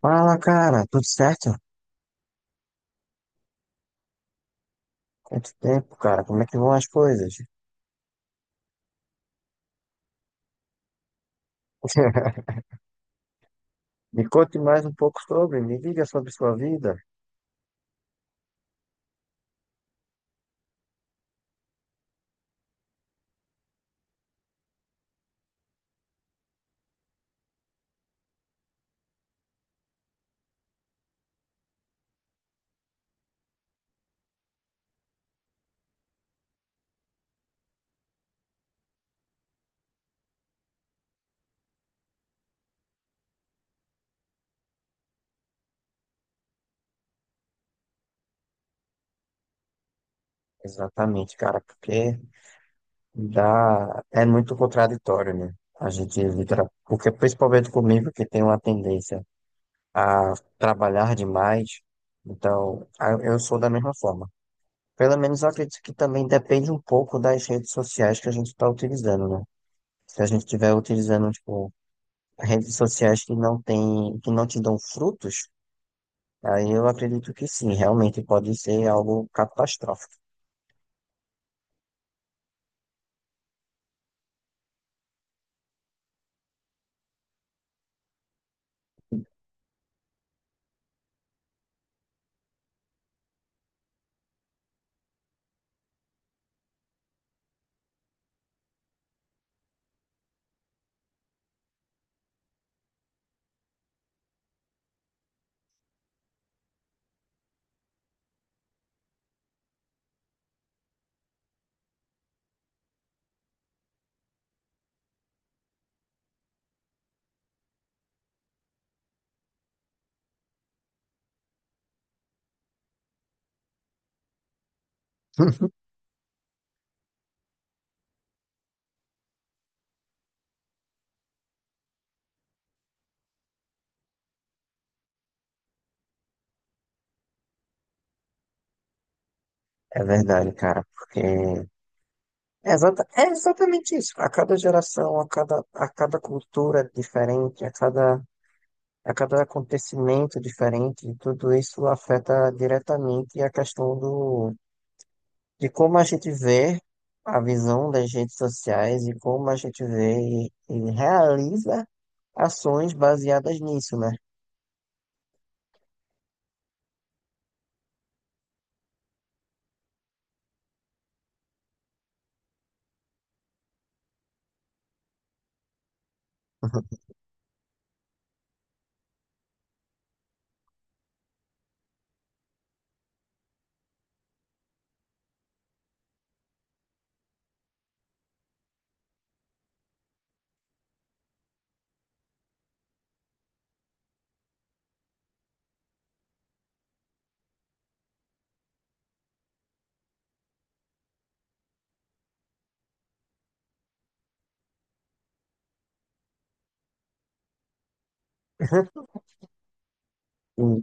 Fala, cara, tudo certo? Quanto tempo, cara? Como é que vão as coisas? Me conte mais um pouco sobre, me diga sobre sua vida. Exatamente, cara, porque dá, é muito contraditório, né? A gente porque principalmente comigo, que tem uma tendência a trabalhar demais, então eu sou da mesma forma. Pelo menos eu acredito que também depende um pouco das redes sociais que a gente está utilizando, né? Se a gente estiver utilizando, tipo, redes sociais que não tem, que não te dão frutos, aí eu acredito que sim, realmente pode ser algo catastrófico. É verdade, cara, porque é exatamente isso. A cada geração, a cada cultura diferente, a cada acontecimento diferente, tudo isso afeta diretamente a questão do, de como a gente vê a visão das redes sociais e como a gente vê e realiza ações baseadas nisso, né? Hum.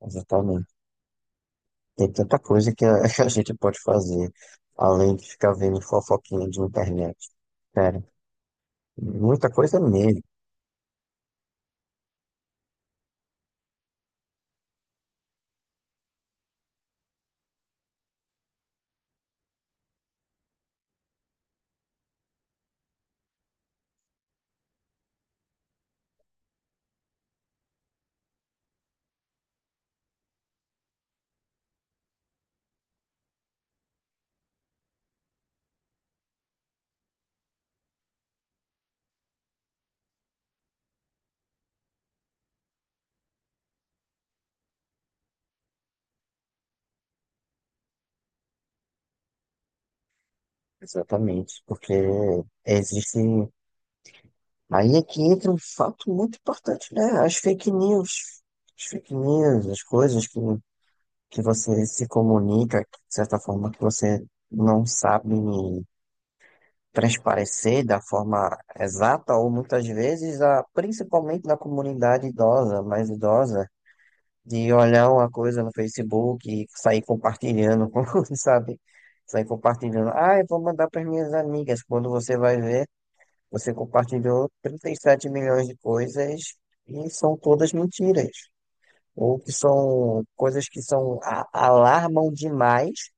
Exatamente. Tem tanta coisa que a gente pode fazer, além de ficar vendo fofoquinha de internet. Sério, muita coisa mesmo, exatamente, porque existe. Aí é que entra um fato muito importante, né? As fake news. As fake news, as coisas que você se comunica, de certa forma, que você não sabe transparecer da forma exata, ou muitas vezes, a, principalmente na comunidade idosa, mais idosa, de olhar uma coisa no Facebook e sair compartilhando, com, sabe? Sair compartilhando. Ah, eu vou mandar para minhas amigas. Quando você vai ver, você compartilhou 37 milhões de coisas e são todas mentiras. Ou que são coisas que são alarmam demais,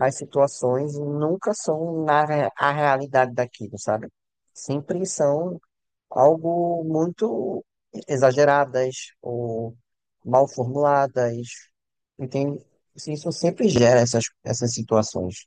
as situações nunca são na, a realidade daquilo, sabe? Sempre são algo muito exageradas ou mal formuladas, entende? Assim, isso sempre gera essas, essas situações.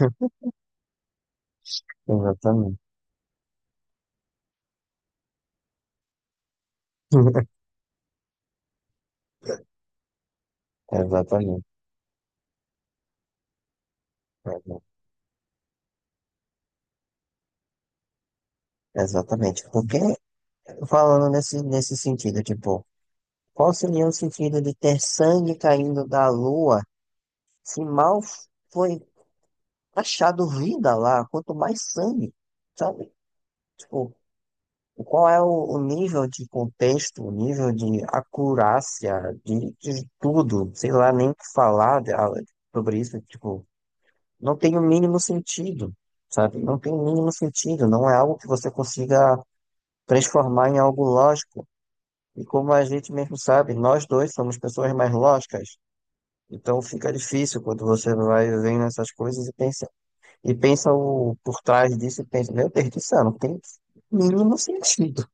Exatamente. Exatamente. Exatamente. Porque, falando nesse, nesse sentido, tipo, qual seria o sentido de ter sangue caindo da lua se mal foi achado vida lá, quanto mais sangue, sabe? Tipo, qual é o nível de contexto, o nível de acurácia, de tudo, sei lá, nem o que falar sobre isso, tipo, não tem o mínimo sentido, sabe? Não tem o mínimo sentido, não é algo que você consiga transformar em algo lógico. E como a gente mesmo sabe, nós dois somos pessoas mais lógicas, então fica difícil quando você vai vendo essas coisas e pensa. Por trás disso e pensa, meu Deus do céu, não tem mínimo sentido.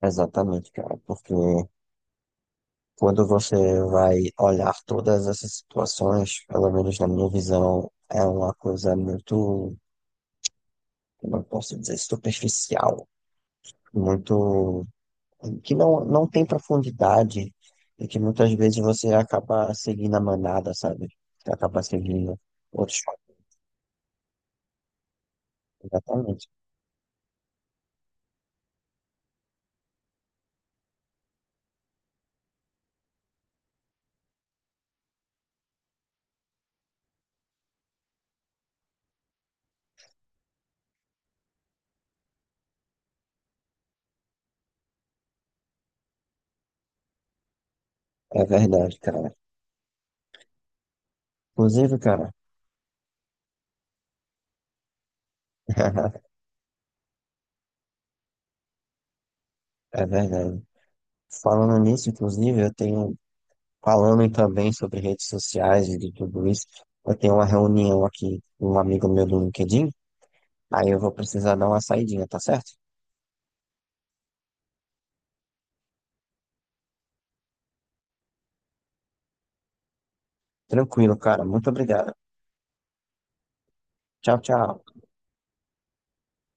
Exatamente, cara, porque quando você vai olhar todas essas situações, pelo menos na minha visão, é uma coisa muito, como eu posso dizer, superficial, muito, que não, não tem profundidade e que muitas vezes você acaba seguindo a manada, sabe? Você acaba seguindo outros fatores. Exatamente. É verdade, cara. Inclusive, cara, é verdade. Falando nisso, inclusive, eu tenho, falando também sobre redes sociais e de tudo isso, eu tenho uma reunião aqui com um amigo meu do LinkedIn, aí eu vou precisar dar uma saidinha, tá certo? Tranquilo, cara. Muito obrigado. Tchau, tchau.